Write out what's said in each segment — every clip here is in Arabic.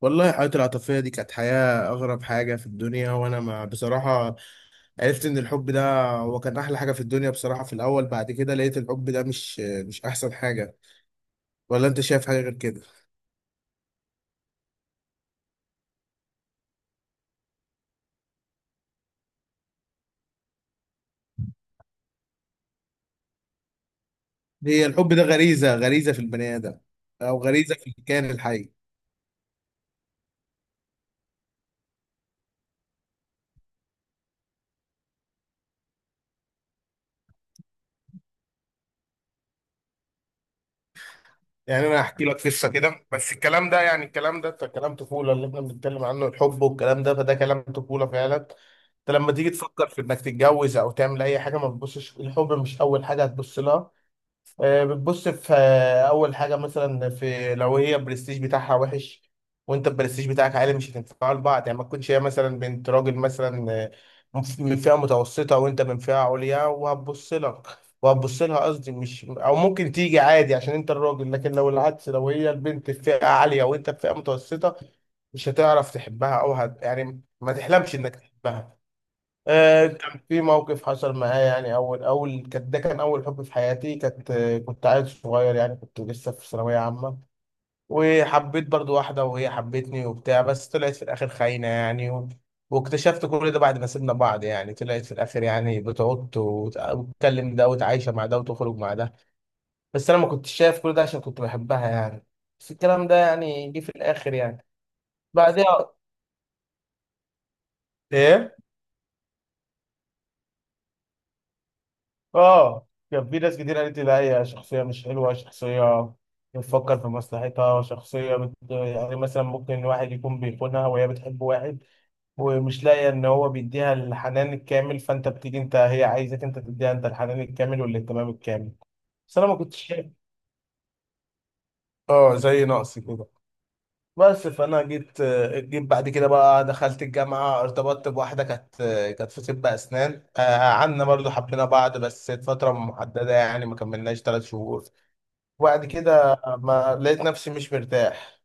والله الحياة العاطفية دي كانت حياة أغرب حاجة في الدنيا، وأنا ما بصراحة عرفت إن الحب ده هو كان أحلى حاجة في الدنيا بصراحة في الأول. بعد كده لقيت الحب ده مش أحسن حاجة. ولا أنت شايف حاجة غير كده؟ هي الحب ده غريزة غريزة في البني آدم، أو غريزة في الكائن الحي. يعني أنا هحكي لك قصة كده، بس الكلام ده كلام طفولة اللي إحنا بنتكلم عنه. الحب والكلام ده فده كلام طفولة فعلا. انت لما تيجي تفكر في انك تتجوز او تعمل اي حاجه، ما تبصش الحب مش اول حاجه هتبص لها. بتبص في اول حاجه مثلا، في لو هي البرستيج بتاعها وحش وانت البرستيج بتاعك عالي مش هتنفعوا لبعض. يعني ما تكونش هي مثلا بنت راجل مثلا من فئه متوسطه وانت من فئه عليا وهتبص لك وهتبص لها قصدي. مش او ممكن تيجي عادي عشان انت الراجل، لكن لو العكس، لو هي البنت في فئه عاليه وانت في فئه متوسطه مش هتعرف تحبها او يعني ما تحلمش انك تحبها. كان في موقف حصل معايا، يعني أول أول كان ده كان أول حب في حياتي. كانت كنت عيل صغير، يعني كنت لسه في ثانوية عامة. وحبيت برضو واحدة وهي حبتني وبتاع، بس طلعت في الآخر خاينة يعني واكتشفت كل ده بعد ما سيبنا بعض. يعني طلعت في الآخر يعني بتعط وتكلم ده وتعايشة مع ده وتخرج مع ده. بس أنا ما كنتش شايف كل ده عشان كنت بحبها يعني. بس الكلام ده يعني جه في الآخر يعني. بعدها إيه؟ اه، كان في ناس كتير قالت لي لا هي شخصية مش حلوة، شخصية بتفكر في مصلحتها، شخصية يعني مثلا ممكن واحد يكون بيخونها وهي بتحب واحد ومش لاقية ان هو بيديها الحنان الكامل، فانت بتيجي انت هي عايزك انت تديها انت الحنان الكامل والاهتمام الكامل. بس انا ما كنتش شايف. اه زي نقص كده. بس فانا جيت، بعد كده بقى دخلت الجامعه، ارتبطت بواحده كانت في طب اسنان. قعدنا برضو حبينا بعض بس فتره محدده يعني ما كملناش ثلاث شهور. وبعد كده ما لقيت نفسي مش مرتاح.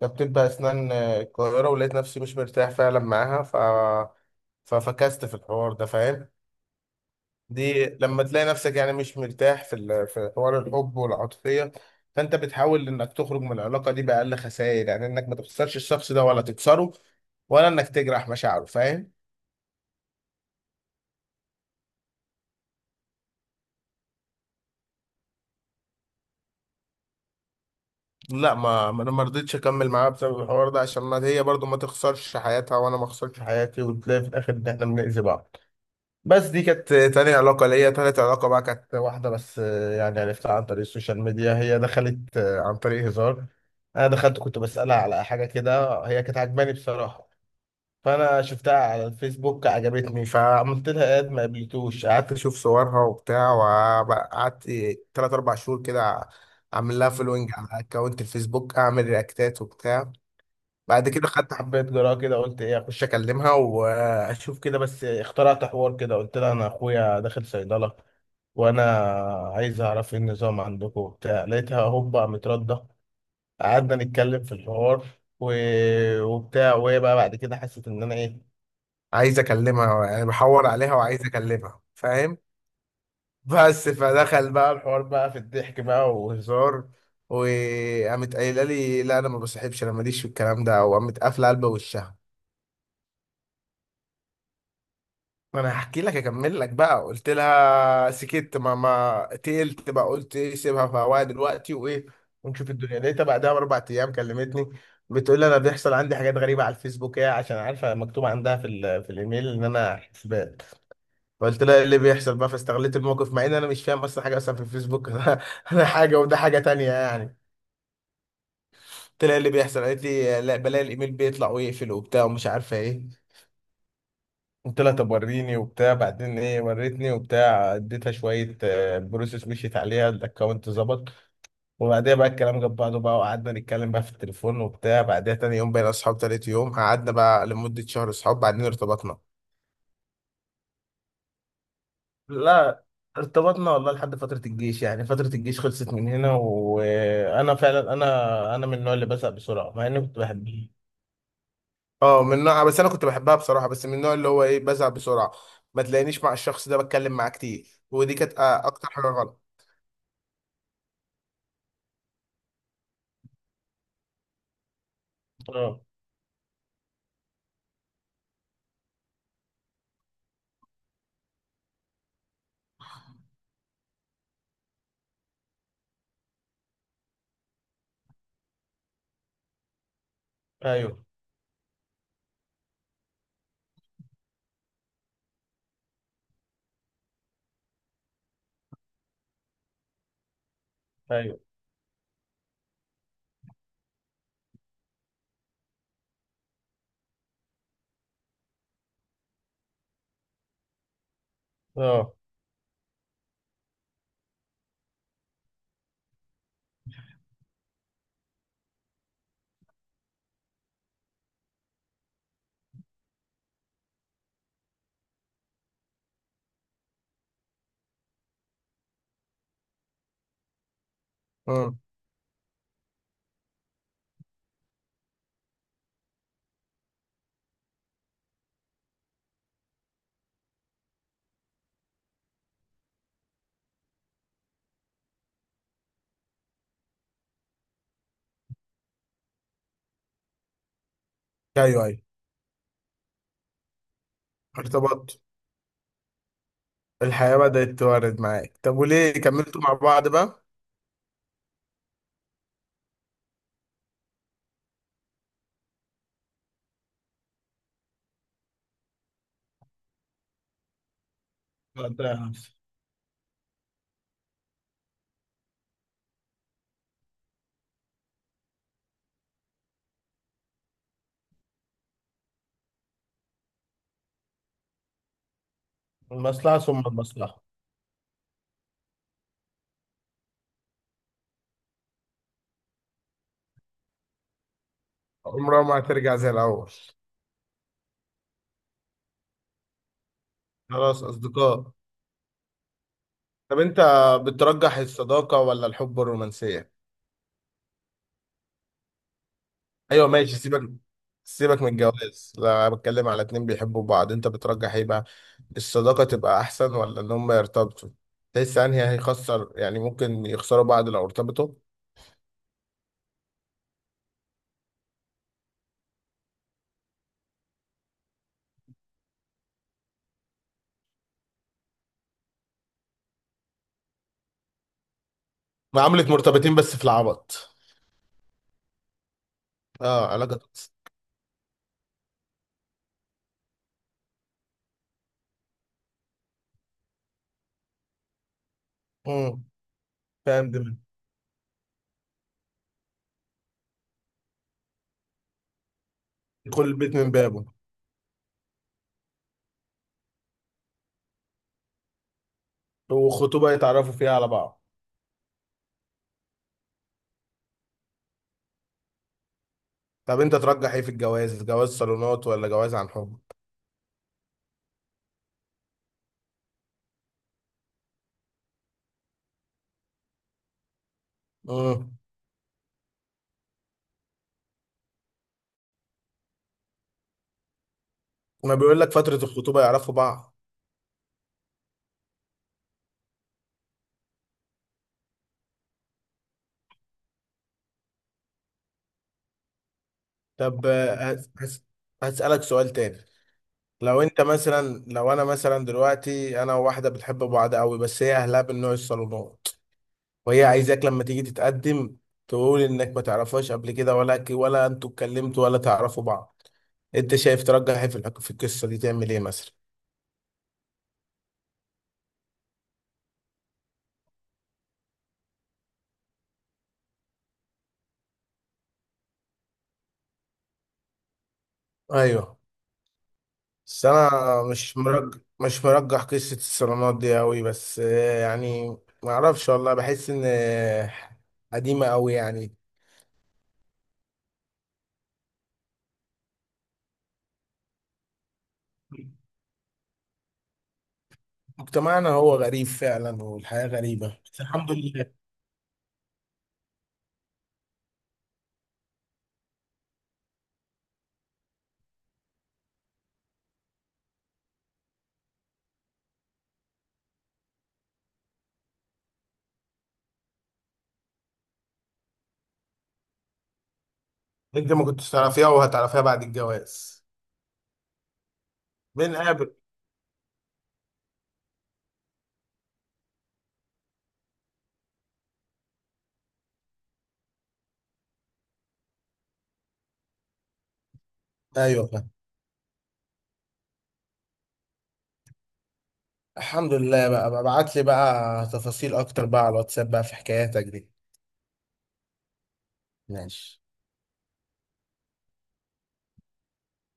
كانت بتبقى اسنان القاهره، ولقيت نفسي مش مرتاح فعلا معاها. ففكست في الحوار ده فاهم. دي لما تلاقي نفسك يعني مش مرتاح في في حوار الحب والعاطفيه، فانت بتحاول انك تخرج من العلاقه دي باقل خسائر، يعني انك ما تخسرش الشخص ده ولا تكسره ولا انك تجرح مشاعره فاهم. لا، ما ما انا ما رضيتش اكمل معاها بسبب الحوار ده، عشان ما هي برضو ما تخسرش حياتها وانا ما اخسرش حياتي وتلاقي في الاخر ان احنا بنأذي بعض. بس دي كانت تاني علاقة ليا. تالت علاقة بقى كانت واحدة بس يعني عرفتها عن طريق السوشيال ميديا. هي دخلت عن طريق هزار. أنا دخلت كنت بسألها على حاجة كده، هي كانت عجباني بصراحة. فأنا شفتها على الفيسبوك، عجبتني، فعملت لها إد ما قبلتوش. قعدت أشوف صورها وبتاع، وقعدت تلات أربع شهور كده أعمل لها فولوينج على أكونت الفيسبوك، أعمل رياكتات وبتاع. بعد كده خدت حبايه جرعه كده قلت ايه اخش اكلمها واشوف كده. بس اخترعت حوار كده، قلت لها انا اخويا داخل صيدله وانا عايز اعرف ايه النظام عندكم وبتاع. لقيتها هوبا متردة، قعدنا نتكلم في الحوار و... وبتاع. وهي بقى بعد كده حست ان انا ايه، عايز اكلمها، يعني بحور عليها وعايز اكلمها فاهم. بس فدخل بقى الحوار بقى في الضحك بقى وهزار، وقامت قايله لي لا انا ما بصاحبش، انا ماليش في الكلام ده، وقامت قافله قلب وشها. ما انا هحكي لك اكمل لك بقى. قلت لها سكت ما تقلت بقى. قلت ايه سيبها في هواها دلوقتي وايه ونشوف الدنيا. لقيتها بعدها باربع ايام كلمتني بتقول لي انا بيحصل عندي حاجات غريبه على الفيسبوك، هي عشان عارفه مكتوب عندها في في الايميل ان انا حسبان. فقلت لها ايه اللي بيحصل بقى، فاستغليت الموقف مع ان انا مش فاهم اصلا حاجه اصلا في الفيسبوك أنا حاجه وده حاجه تانية يعني. قلت لها ايه اللي بيحصل، قالت لي لا بلاقي الايميل بيطلع ويقفل وبتاع ومش عارفه ايه. قلت لها طب وريني وبتاع. بعدين ايه، وريتني وبتاع، اديتها شويه بروسيس، مشيت عليها الاكونت ظبط. وبعديها بقى الكلام جاب بعضه بقى وقعدنا نتكلم بقى في التليفون وبتاع. بعدها تاني يوم بقينا اصحاب، تالت يوم قعدنا بقى لمده شهر اصحاب، بعدين ارتبطنا. لا، ارتبطنا والله لحد فترة الجيش. يعني فترة الجيش خلصت من هنا، وأنا فعلا أنا من النوع اللي بزهق بسرعة مع إني كنت بحبه. اه من نوع. بس انا كنت بحبها بصراحه، بس من النوع اللي هو ايه بزعل بسرعه، ما تلاقينيش مع الشخص ده بتكلم معاه كتير. ودي كانت اكتر حاجه غلط. اه، ايوه، ايوه، اه، امم ايوه، ايوه، ارتبطت. الحياه بدات توارد معاك. طب وليه كملتوا مع بعض بقى؟ ده المصلحة ثم المصلحة. عمرها ما هترجع زي الاول. خلاص أصدقاء. طب انت بترجح الصداقه ولا الحب الرومانسيه؟ ايوه ماشي. سيبك، سيبك من الجواز. لا، أنا بتكلم على اتنين بيحبوا بعض، انت بترجح ايه بقى؟ الصداقة تبقى احسن ولا ان هم يرتبطوا؟ تحس انهي هيخسر، يعني ممكن يخسروا بعض لو ارتبطوا؟ معاملة مرتبطين بس في العبط. اه علاقة. امم فاهم. دماغي يدخل البيت من بابه. وخطوبة يتعرفوا فيها على بعض. طب انت ترجح ايه في الجواز، جواز صالونات ولا جواز عن حب؟ امم ما بيقول لك فترة الخطوبة يعرفوا بعض. طب هسألك سؤال تاني. لو انت مثلا، لو انا مثلا دلوقتي انا وواحده بتحب بعض قوي، بس هي اهلها من نوع الصالونات، وهي عايزاك لما تيجي تتقدم تقول انك ما تعرفهاش قبل كده، ولا ولا انتوا اتكلمتوا ولا تعرفوا بعض. انت شايف ترجح ايه في في القصه دي، تعمل ايه مثلا؟ ايوه. بس انا مش مرجح، مش مرجح قصه الصالونات دي قوي، بس يعني ما اعرفش والله. بحس ان قديمه قوي يعني. مجتمعنا هو غريب فعلا والحياه غريبه، بس الحمد لله. انت ما كنتش تعرفيها وهتعرفيها بعد الجواز. بنقابل. ايوه فاهم. الحمد لله بقى، ببعت لي بقى تفاصيل اكتر بقى على الواتساب بقى في حكاياتك دي. ماشي.